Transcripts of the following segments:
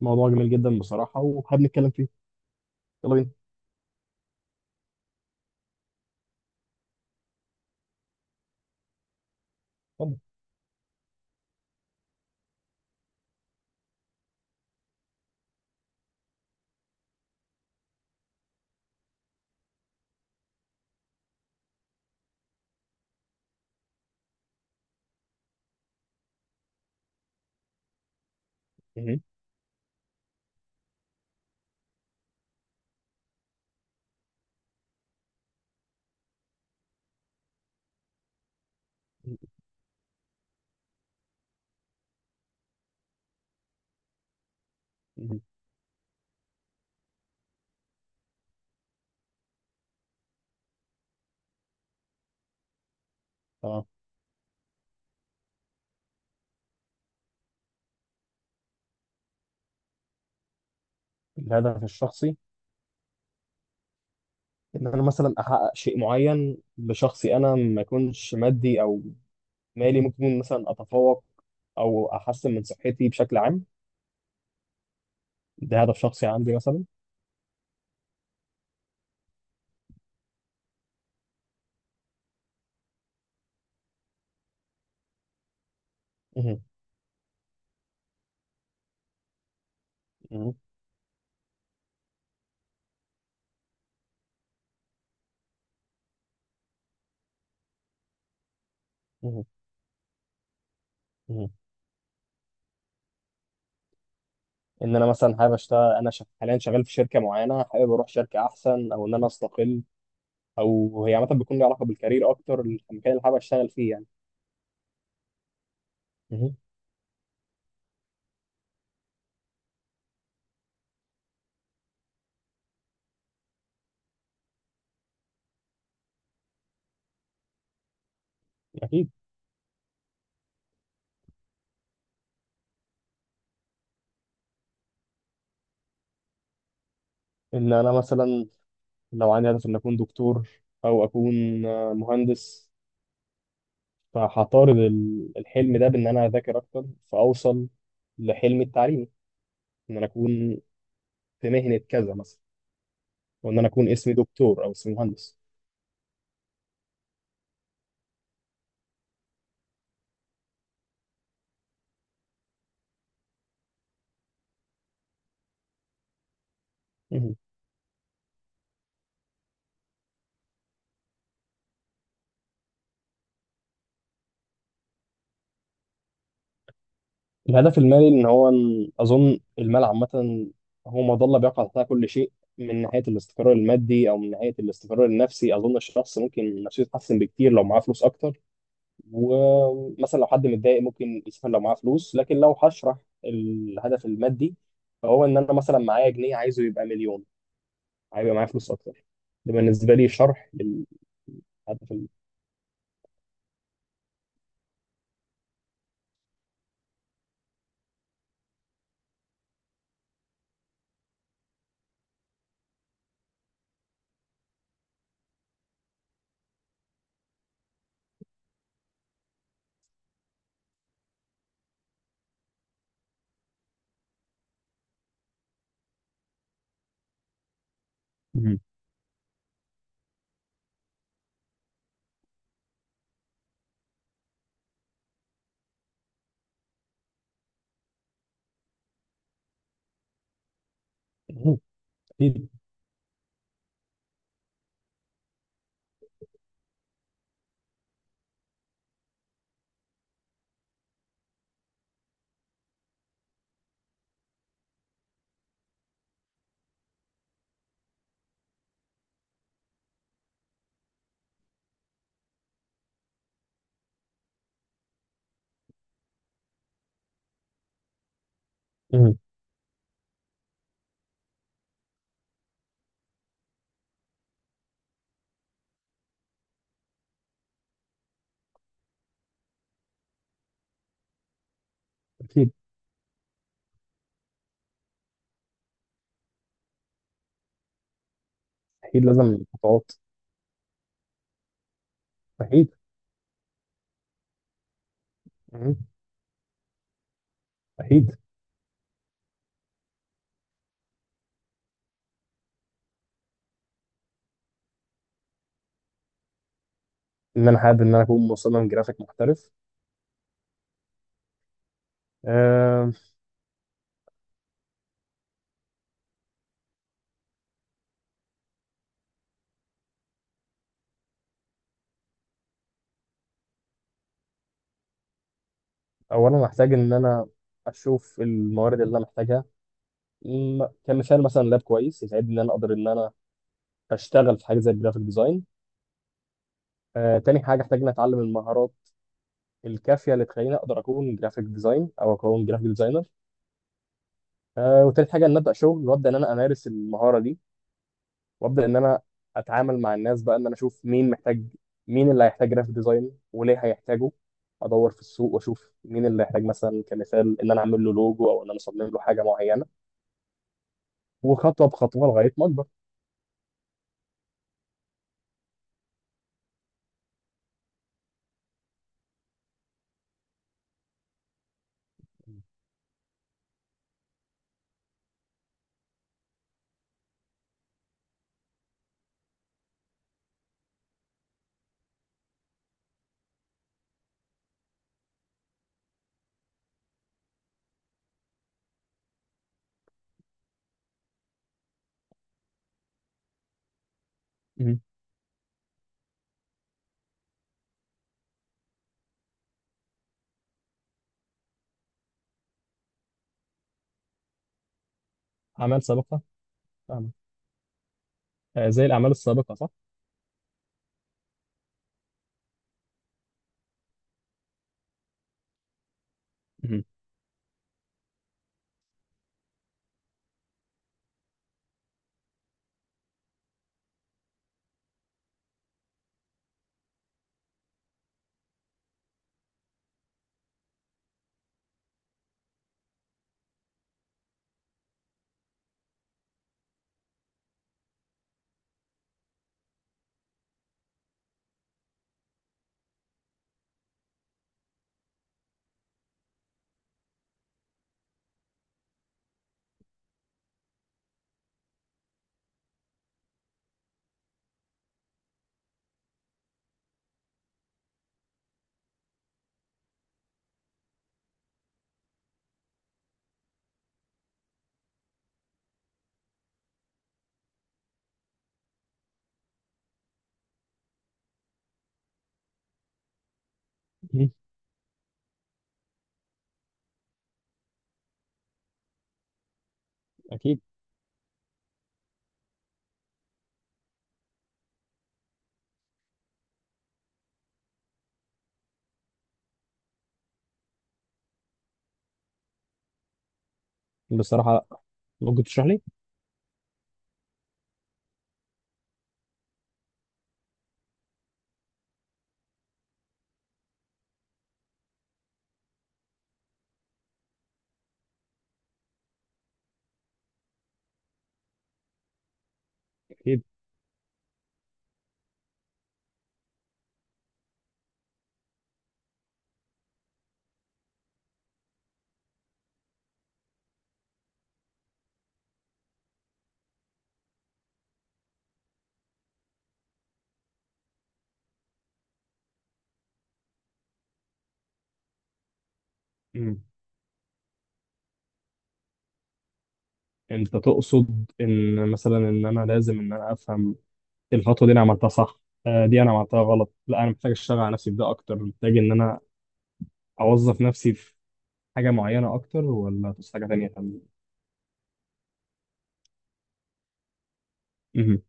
موضوع جميل جدا بصراحة وحابب نتكلم فيه. يلا بينا. اتفضل. مهم. مهم. اه، الهدف الشخصي. ان انا مثلا احقق شيء معين بشخصي انا، ما يكونش مادي او مالي، ممكن يكون مثلا اتفوق او احسن من صحتي بشكل عام. ده هدف شخصي عندي مثلا. مهم. مهم. مهم. مهم. ان انا مثلا حابب اشتغل، انا حاليا شغال في شركه معينه، حابب اروح شركه احسن او ان انا استقل، او هي عامه بيكون لي علاقه بالكارير اكتر، المكان اللي حابب اشتغل فيه يعني. مهم. اكيد. ان انا مثلا لو عندي هدف إن أكون دكتور أو أكون مهندس، فهطارد الحلم ده بإن أنا أذاكر أكتر، فأوصل لحلمي التعليمي، إن أنا أكون في مهنة كذا مثلا، وإن أنا أكون اسمي دكتور أو اسمي مهندس. مهم. الهدف المالي، إن هو، إن أظن المال عامة هو مظلة بيقع تحتها كل شيء، من ناحية الاستقرار المادي أو من ناحية الاستقرار النفسي. أظن الشخص ممكن نفسيته تتحسن بكتير لو معاه فلوس أكتر، ومثلا لو حد متضايق ممكن يسافر لو معاه فلوس. لكن لو هشرح الهدف المادي، فهو ان انا مثلا معايا جنيه عايزه يبقى مليون، هيبقى معايا فلوس اكتر. ده بالنسبه لي شرح للهدف ال- مهم. مهم. اكيد. مهم. اكيد. اكيد لازم خطوات. اكيد. مهم. اكيد. ان انا حابب ان انا اكون مصمم جرافيك محترف. أه، اولا محتاج ان انا اشوف الموارد اللي انا محتاجها، كمثال مثلا لاب كويس يساعدني ان انا اقدر ان انا اشتغل في حاجه زي الجرافيك ديزاين. تاني حاجة احتاج إني أتعلم المهارات الكافية اللي تخليني أقدر أكون جرافيك ديزاين أو أكون جرافيك ديزاينر. وتالت حاجة إن أبدأ شغل وأبدأ إن أنا أمارس المهارة دي، وأبدأ إن أنا أتعامل مع الناس بقى، إن أنا أشوف مين محتاج، مين اللي هيحتاج جرافيك ديزاين وليه هيحتاجه. أدور في السوق وأشوف مين اللي هيحتاج، مثلا كمثال إن أنا أعمل له لوجو أو إن أنا أصمم له حاجة معينة. وخطوة بخطوة لغاية ما أكبر. مهم. أعمال سابقة. فاهمك. زي الأعمال السابقة صح؟ مهم. مهم. أكيد. بصراحة، ممكن تشرح لي؟ أكيد. مهم. انت تقصد ان مثلا ان انا لازم ان انا افهم الخطوه دي، انا عملتها صح، دي انا عملتها غلط، لا انا محتاج اشتغل على نفسي في ده اكتر، محتاج ان انا اوظف نفسي في حاجه معينه اكتر، ولا في حاجه تانيه تانية. مهم.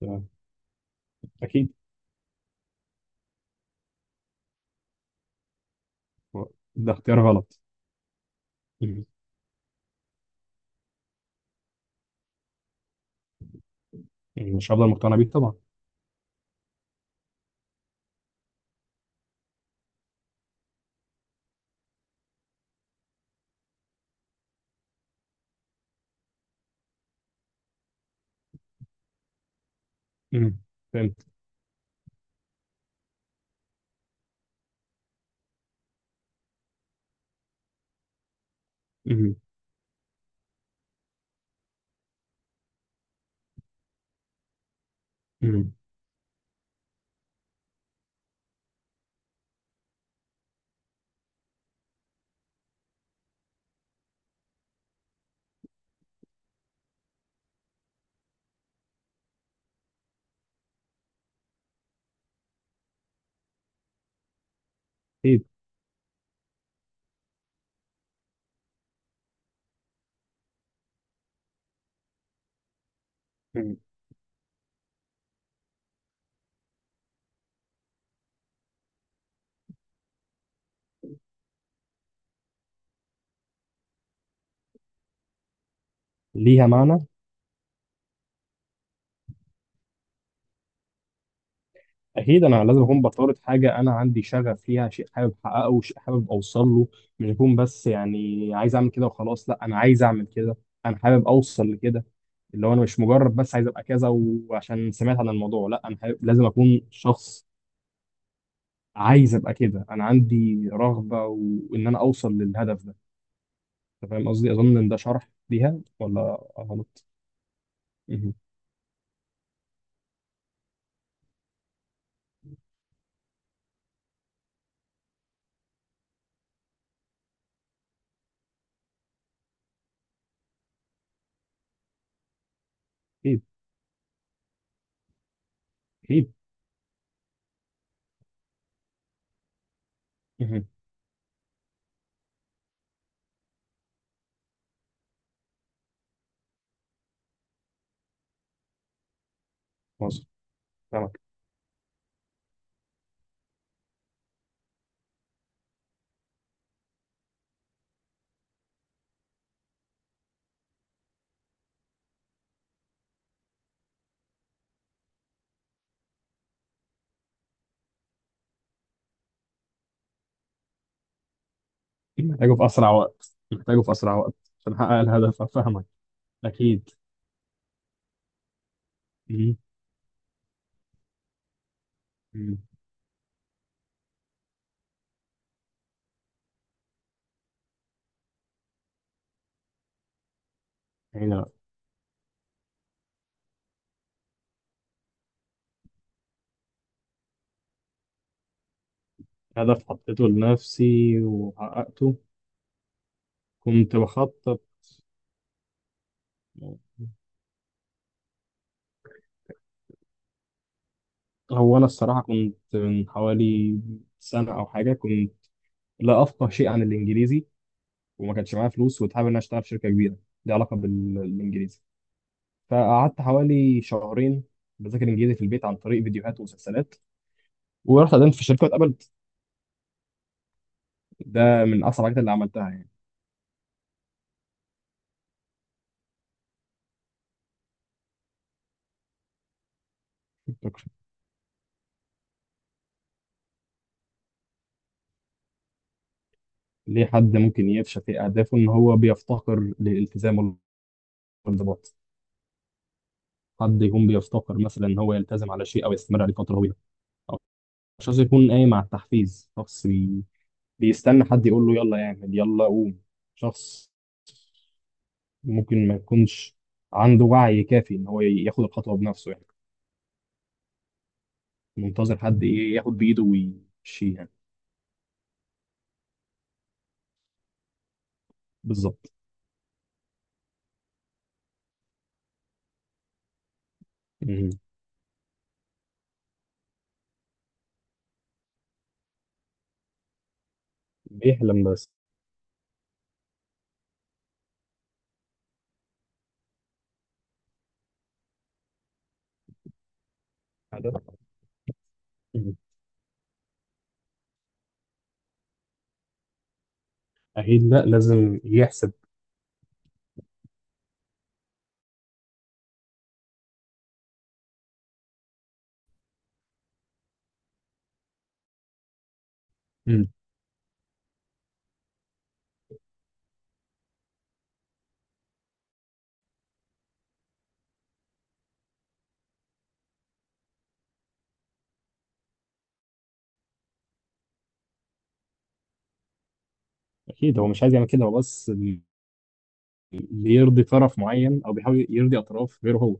تمام. اكيد. ده اختيار غلط. مهم. مش هفضل مقتنع بيه طبعا. مهم. فهمت. مهم. مهم. اكيد. مهم. ليها معنى. اكيد انا لازم اكون بطارد حاجه انا عندي شغف ليها، شيء حابب احققه، شيء حابب اوصل له، مش اكون بس يعني عايز اعمل كده وخلاص. لا انا عايز اعمل كده، انا حابب اوصل لكده، اللي هو انا مش مجرد بس عايز ابقى كذا وعشان سمعت عن الموضوع. لا انا حابب، لازم اكون شخص عايز ابقى كده، انا عندي رغبه وان انا اوصل للهدف ده. انت فاهم قصدي؟ اظن ان ده شرح ليها ولا غلط؟ مهم. اكيد. اكيد. مهم. مظبوط. فاهمك. محتاجه في اسرع وقت، محتاجه في اسرع وقت، عشان احقق الهدف، فاهمك. أكيد. مم. مم. يعني هدف حطيته لنفسي وحققته. كنت بخطط. هو أنا الصراحة كنت من حوالي سنة أو حاجة، كنت لا أفقه شيء عن الإنجليزي، وما كانش معايا فلوس، وكنت حابب إن أنا أشتغل في شركة كبيرة ليها علاقة بالإنجليزي. فقعدت حوالي شهرين بذاكر إنجليزي في البيت عن طريق فيديوهات ومسلسلات، ورحت قدمت في الشركة واتقبلت. ده من أسرع الحاجات اللي عملتها يعني. ليه حد ممكن يفشل في أهدافه؟ إن هو بيفتقر للالتزام والانضباط. حد يكون بيفتقر مثلا ان هو يلتزم على شيء او يستمر عليه فتره طويله، او شخص يكون قايم على التحفيز، شخص بيستنى حد يقول له يلا اعمل يلا قوم. شخص ممكن ما يكونش عنده وعي كافي ان هو ياخد الخطوه بنفسه يعني، منتظر حد ايه، ياخد بايده ويمشي يعني. بالظبط. مم. بيحلم بس. هذا. مم. اكيد لا، لازم يحسب. مم. اكيد هو مش عايز يعمل كده، هو بس بيرضي طرف معين او بيحاول يرضي اطراف غيره هو.